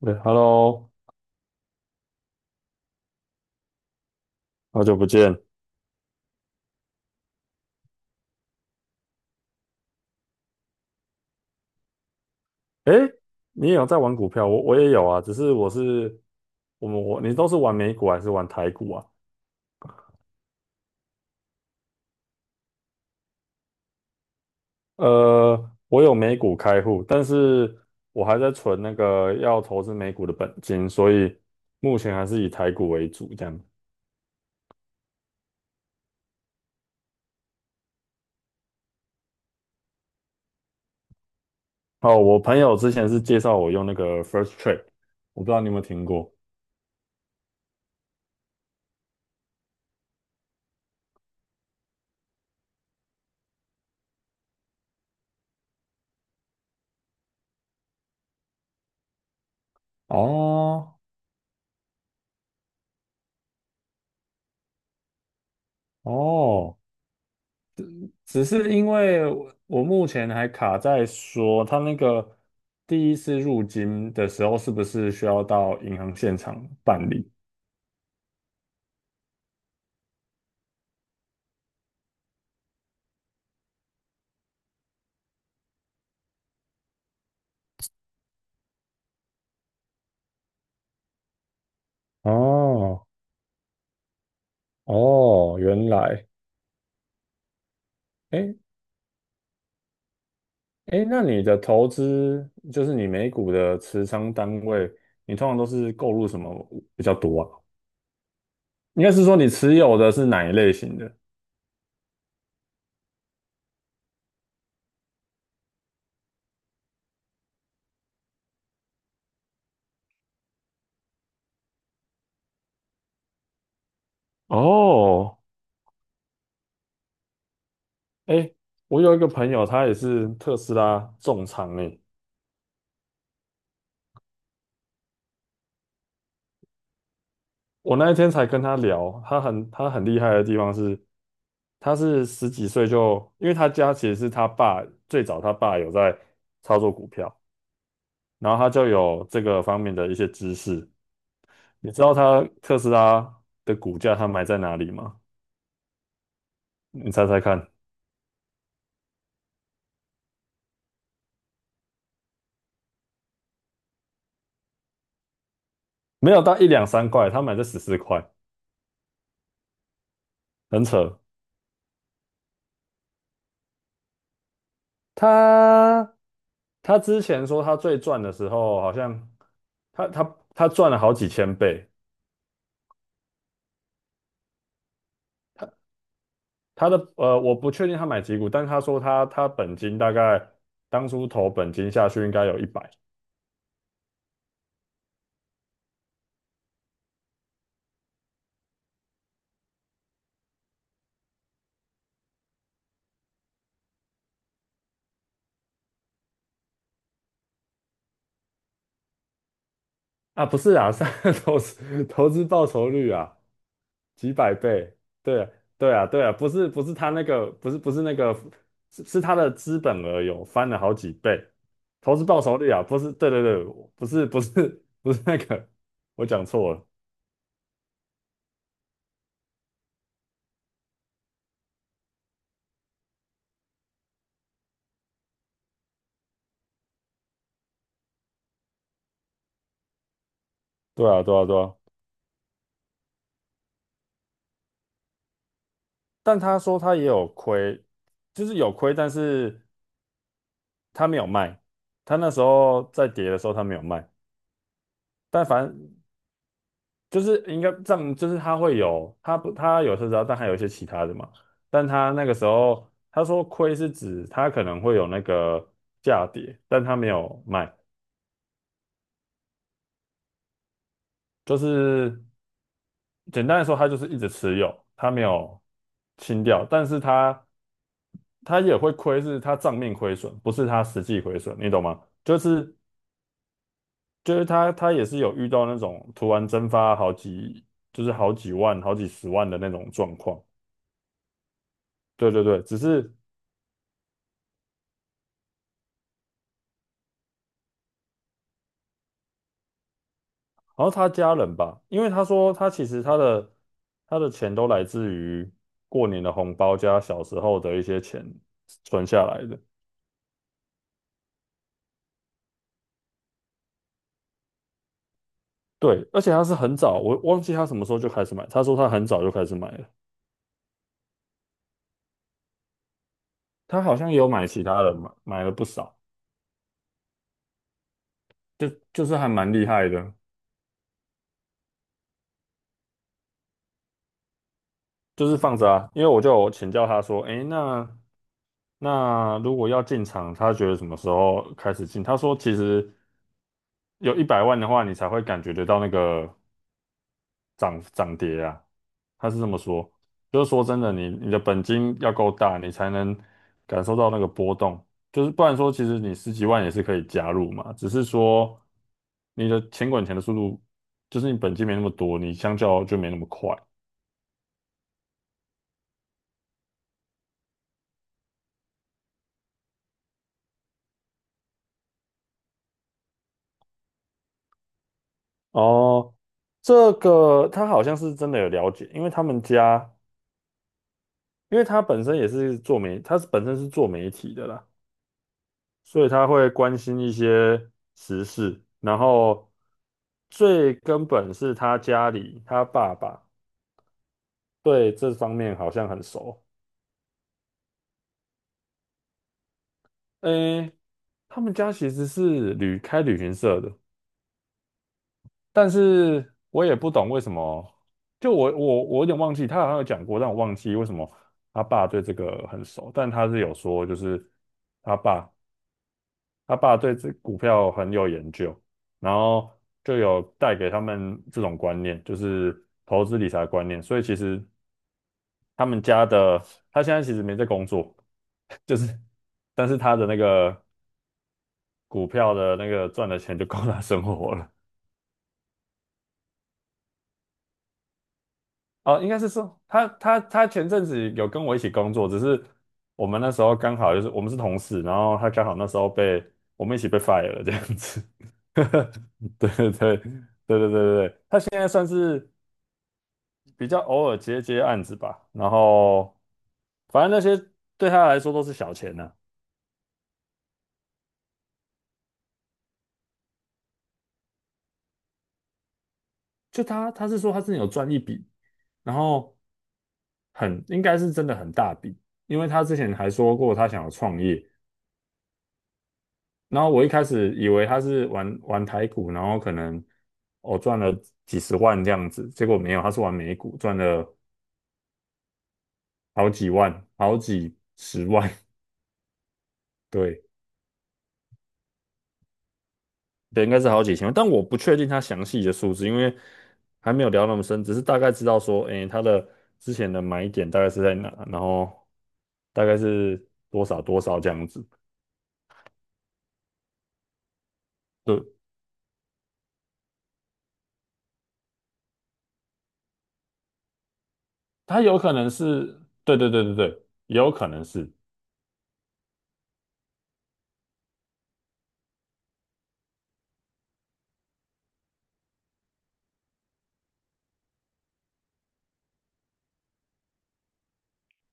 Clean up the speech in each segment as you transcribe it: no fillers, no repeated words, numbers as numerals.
对，Hello，好久不见。哎，你也有在玩股票？我也有啊，只是我是我们我你都是玩美股还是玩台股啊？我有美股开户，但是我还在存那个要投资美股的本金，所以目前还是以台股为主这样。哦，我朋友之前是介绍我用那个 First Trade，我不知道你有没有听过。哦哦，只是因为我目前还卡在说，他那个第一次入金的时候，是不是需要到银行现场办理？哦哦，原来，哎哎，那你的投资就是你美股的持仓单位，你通常都是购入什么比较多啊？应该是说你持有的是哪一类型的？哦，哎，我有一个朋友，他也是特斯拉重仓诶，我那一天才跟他聊，他很厉害的地方是，他是十几岁就，因为他家其实是他爸最早有在操作股票，然后他就有这个方面的一些知识。你知道他特斯拉的股价他买在哪里吗？你猜猜看，没有到一两三块，他买在十四块，很扯。他他之前说他最赚的时候，好像他赚了好几千倍，我不确定他买几股，但他说他本金大概当初投本金下去应该有一百啊，不是啊，是 投资报酬率啊，几百倍，对啊对啊对啊，不是不是他那个不是不是那个是他的资本额有翻了好几倍，投资报酬率啊，不是对对对，不是不是不是那个，我讲错了，对啊对啊对啊，但他说他也有亏，就是有亏，但是。他没有卖，他那时候在跌的时候他没有卖，但反正就是应该这样，就是他会有，他不他有特斯拉，但还有一些其他的嘛，但他那个时候他说亏是指他可能会有那个价跌，但他没有卖，就是简单来说，他就是一直持有，他没有清掉，但是他也会亏，是他账面亏损，不是他实际亏损，你懂吗？就是他也是有遇到那种突然蒸发好几，就是好几万、好几十万的那种状况。对对对，只是好像他家人吧，因为他说他其实他的钱都来自于过年的红包加小时候的一些钱存下来的。对，而且他是很早，我忘记他什么时候就开始买。他说他很早就开始买了，他好像也有买其他的，买了不少，就是还蛮厉害的。就是放着啊，因为我就有请教他说，诶，那如果要进场，他觉得什么时候开始进？他说其实有100万的话，你才会感觉得到那个涨跌啊。他是这么说，就是说真的，你的本金要够大，你才能感受到那个波动。就是不然说，其实你十几万也是可以加入嘛，只是说你的钱滚钱的速度，就是你本金没那么多，你相较就没那么快。哦，这个他好像是真的有了解，因为他们家，因为他本身也是本身是做媒体的啦，所以他会关心一些时事，然后最根本是他家里，他爸爸对这方面好像很熟。诶，他们家其实是开旅行社的，但是我也不懂为什么，就我有点忘记，他好像有讲过，但我忘记为什么他爸对这个很熟，但他是有说，就是他爸他爸对这股票很有研究，然后就有带给他们这种观念，就是投资理财的观念，所以其实他们家的他现在其实没在工作，就是但是他的那个股票的那个赚的钱就够他生活了。哦，应该是说他前阵子有跟我一起工作，只是我们那时候刚好就是我们是同事，然后他刚好那时候被我们一起被 fire 了这样子。对对对对对对对，他现在算是比较偶尔接接案子吧，然后反正那些对他来说都是小钱呢、就他是说他之前有赚一笔，然后很应该是真的很大笔，因为他之前还说过他想要创业，然后我一开始以为他是玩玩台股，然后可能赚了几十万这样子，结果没有，他是玩美股，赚了好几万，好几十万，对，对，应该是好几千万，但我不确定他详细的数字，因为还没有聊那么深，只是大概知道说，诶，他的之前的买点大概是在哪，然后大概是多少多少这样子，对，他有可能是，对对对对对，也有可能是。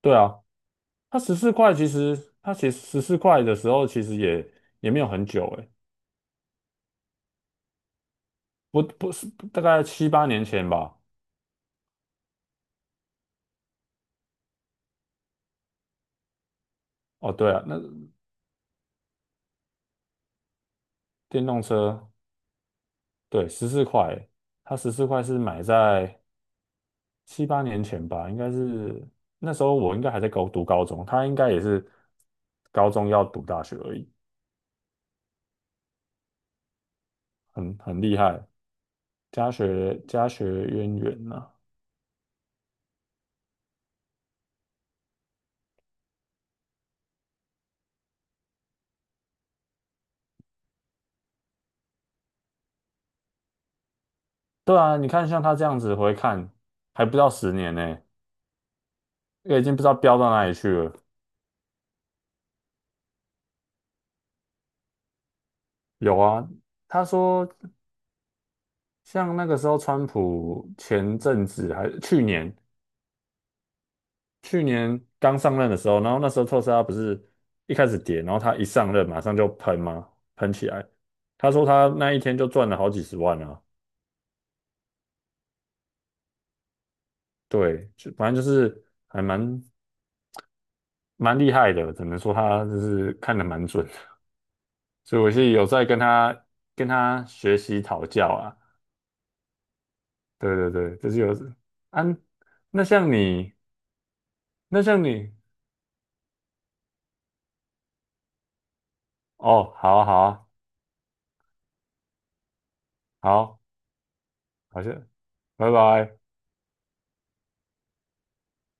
对啊，他其实十四块的时候其实也没有很久诶，不是大概七八年前吧。哦，对啊，那电动车对十四块欸它十四块是买在七八年前吧，应该是那时候我应该还在读高中，他应该也是高中要读大学而已，很厉害，家学渊源呐、对啊，你看像他这样子回看，还不到10年呢、这个已经不知道飙到哪里去了。有啊，他说像那个时候，川普前阵子还去年刚上任的时候，然后那时候特斯拉不是一开始跌，然后他一上任马上就喷吗？喷起来。他说他那一天就赚了好几十万啊，对，就反正就是还蛮厉害的，只能说他就是看得蛮准的，所以我是有在跟他学习讨教啊，对对对，就是有啊，那像你，那像你。哦，好啊，好啊，好，好，谢，拜拜。